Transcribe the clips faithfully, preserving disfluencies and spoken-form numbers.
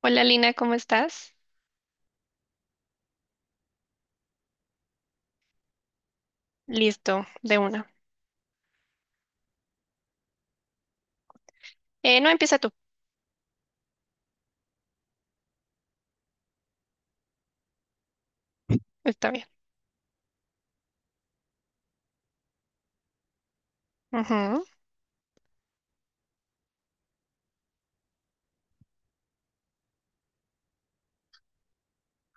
Hola Lina, ¿cómo estás? Listo, de una. Eh, no, empieza tú. Está bien. Ujú.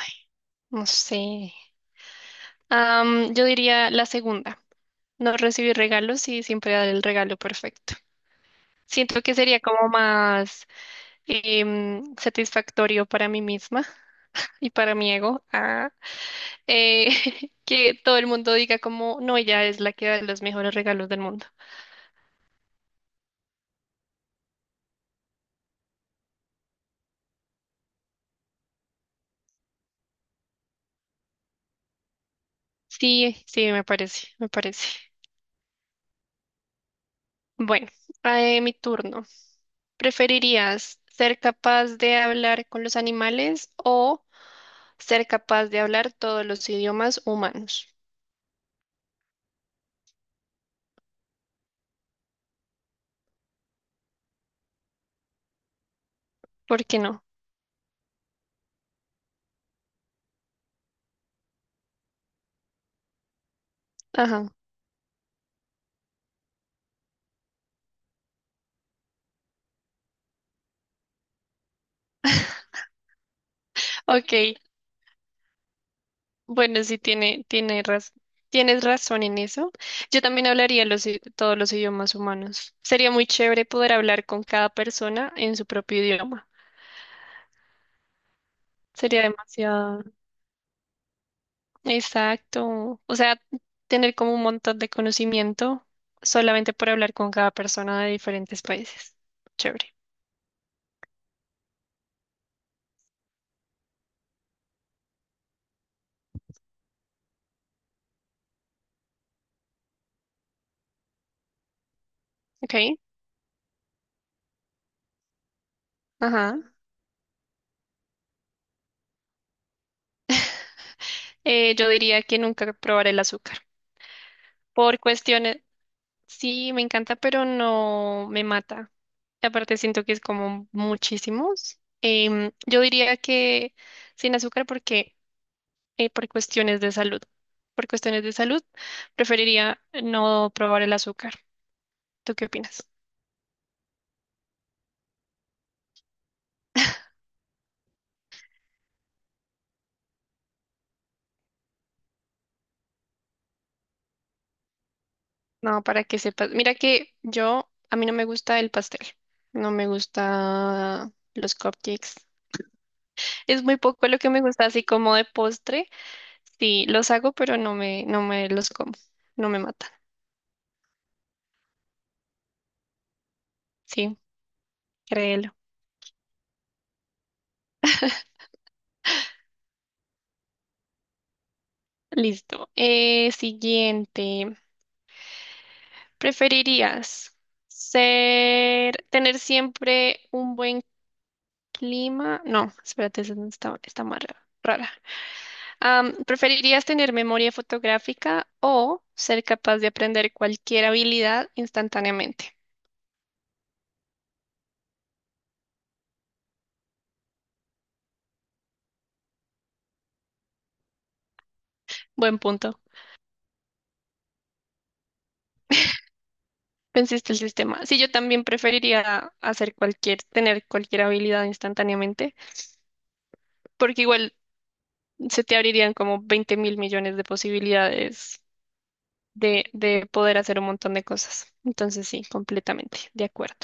Ay, no sé. Am, yo diría la segunda. No recibir regalos y siempre dar el regalo perfecto. Siento que sería como más em, satisfactorio para mí misma y para mi ego ah, eh, que todo el mundo diga como, no, ella es la que da los mejores regalos del mundo. Sí, sí, me parece, me parece. Bueno, eh, mi turno. ¿Preferirías ser capaz de hablar con los animales o ser capaz de hablar todos los idiomas humanos? ¿Por qué no? Ajá. Ok, bueno, sí tiene, tiene raz- tienes razón en eso. Yo también hablaría los i- todos los idiomas humanos. Sería muy chévere poder hablar con cada persona en su propio idioma. Sería demasiado. Exacto. O sea, tener como un montón de conocimiento solamente por hablar con cada persona de diferentes países. Chévere. Ok, ajá. Eh, yo diría que nunca probaré el azúcar. Por cuestiones, sí, me encanta, pero no me mata. Y aparte siento que es como muchísimos. Em, yo diría que sin azúcar porque eh, por cuestiones de salud. Por cuestiones de salud, preferiría no probar el azúcar. ¿Tú qué opinas? No, para que sepas. Mira que yo, a mí no me gusta el pastel. No me gusta los cupcakes. Es muy poco lo que me gusta, así como de postre. Sí, los hago, pero no me, no me los como. No me matan. Sí, créelo. Listo. Eh, siguiente. ¿Preferirías ser, tener siempre un buen clima? No, espérate, esa no está, está más ra- rara. Am, ¿preferirías tener memoria fotográfica o ser capaz de aprender cualquier habilidad instantáneamente? Buen punto. Venciste el sistema. Sí, yo también preferiría hacer cualquier, tener cualquier habilidad instantáneamente, porque igual se te abrirían como veinte mil millones de posibilidades de, de poder hacer un montón de cosas. Entonces sí, completamente, de acuerdo.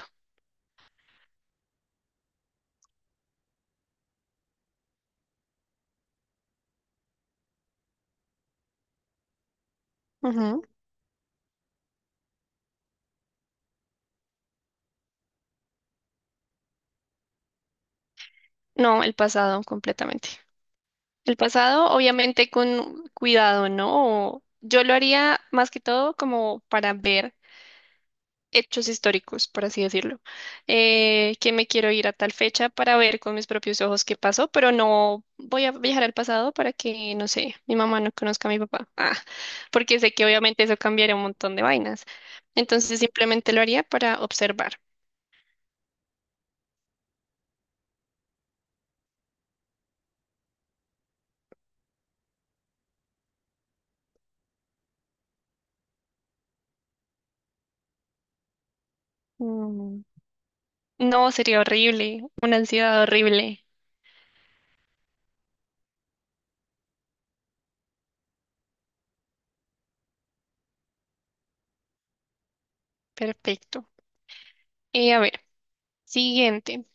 Ujú. No, el pasado, completamente. El pasado, obviamente, con cuidado, ¿no? O- Yo lo haría más que todo como para ver hechos históricos, por así decirlo, eh, que me quiero ir a tal fecha para ver con mis propios ojos qué pasó, pero no voy a viajar al pasado para que, no sé, mi mamá no conozca a mi papá, ah, porque sé que obviamente eso cambiaría un montón de vainas. Entonces simplemente lo haría para observar. Mm. No, sería horrible, una ansiedad horrible. Perfecto. Y a ver, siguiente.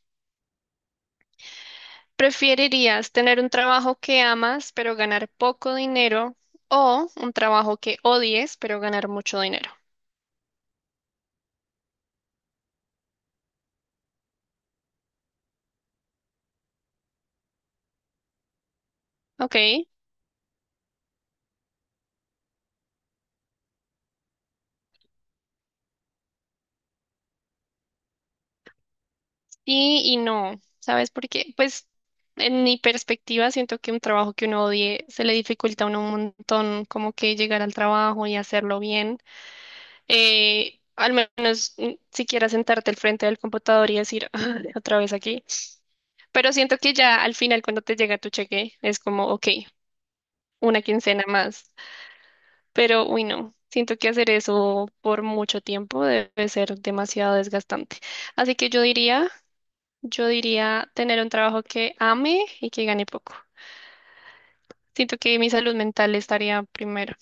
¿Preferirías tener un trabajo que amas pero ganar poco dinero o un trabajo que odies pero ganar mucho dinero? Ok, sí y no. ¿Sabes por qué? Pues en mi perspectiva siento que un trabajo que uno odie se le dificulta a uno un montón como que llegar al trabajo y hacerlo bien. Eh, al menos mm, siquiera sentarte al frente del computador y decir "Ah, otra vez aquí. Pero siento que ya al final cuando te llega tu cheque es como, ok, una quincena más. Pero, uy, no, siento que hacer eso por mucho tiempo debe ser demasiado desgastante. Así que yo diría, yo diría tener un trabajo que ame y que gane poco. Siento que mi salud mental estaría primero.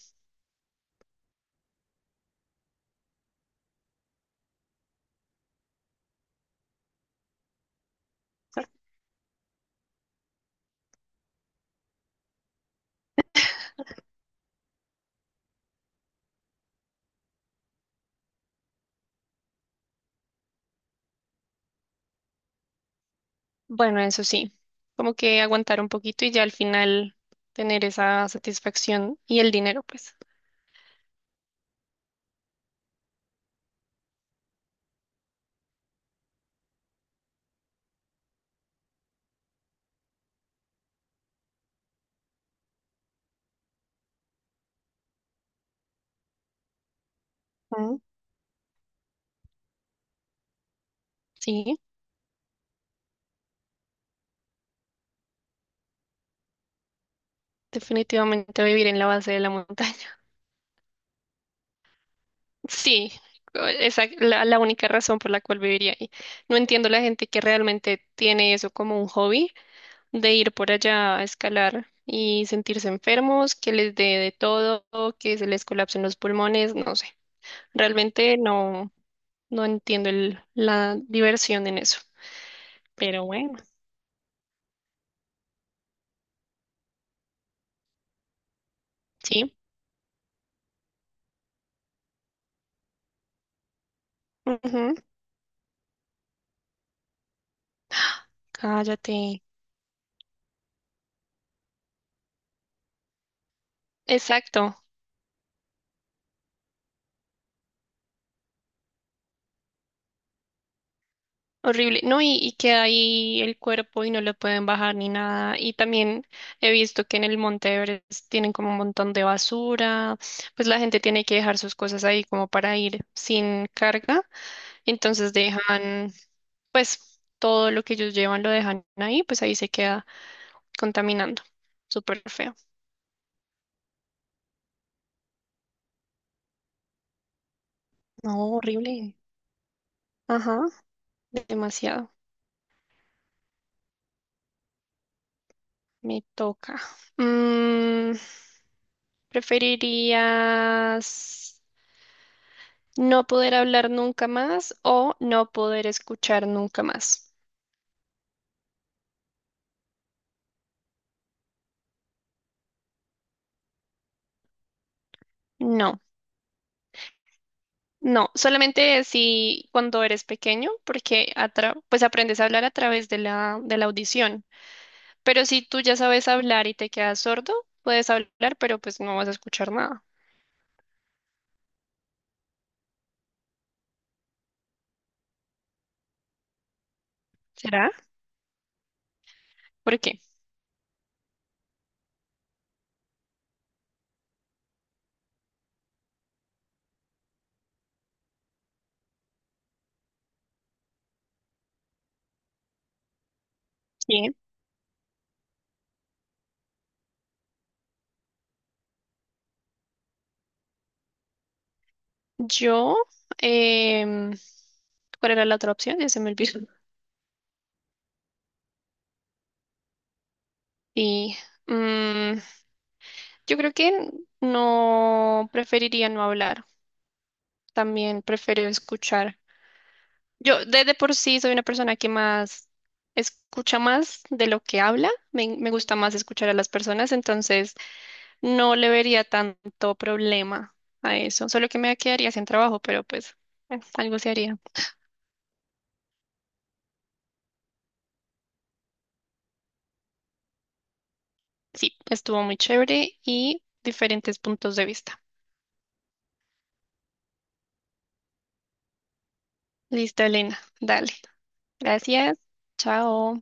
Bueno, eso sí, como que aguantar un poquito y ya al final tener esa satisfacción y el dinero, pues. Mm, sí, definitivamente vivir en la base de la montaña. Sí, esa es la, la única razón por la cual viviría ahí. No entiendo la gente que realmente tiene eso como un hobby, de ir por allá a escalar y sentirse enfermos, que les dé de todo, que se les colapsen los pulmones, no sé. Realmente no, no entiendo el- la diversión en eso. Pero bueno, sí. Ujú, cállate. Exacto. Horrible, ¿no? Y, y queda ahí el cuerpo y no lo pueden bajar ni nada. Y también he visto que en el Monte Everest tienen como un montón de basura, pues la gente tiene que dejar sus cosas ahí como para ir sin carga. Entonces dejan, pues todo lo que ellos llevan lo dejan ahí, pues ahí se queda contaminando. Súper feo. No, horrible. Ajá, demasiado. Me toca. Mm, ¿preferirías... no poder hablar nunca más o no poder escuchar nunca más? No, no, solamente si cuando eres pequeño, porque a tra- pues aprendes a hablar a través de la, de la audición. Pero si tú ya sabes hablar y te quedas sordo, puedes hablar, pero pues no vas a escuchar nada. ¿Será? ¿Por qué? Sí. Yo, em, ¿cuál era la otra opción? Ya se me olvidó. Y mm, yo creo que no preferiría no hablar. También prefiero escuchar. Yo de, de por sí soy una persona que más escucha más de lo que habla. Me, me gusta más escuchar a las personas, entonces no le vería tanto problema a eso. Solo que me quedaría sin trabajo, pero pues eh, algo se haría. Sí, estuvo muy chévere y diferentes puntos de vista. Listo, Elena. Dale. Gracias. Chao.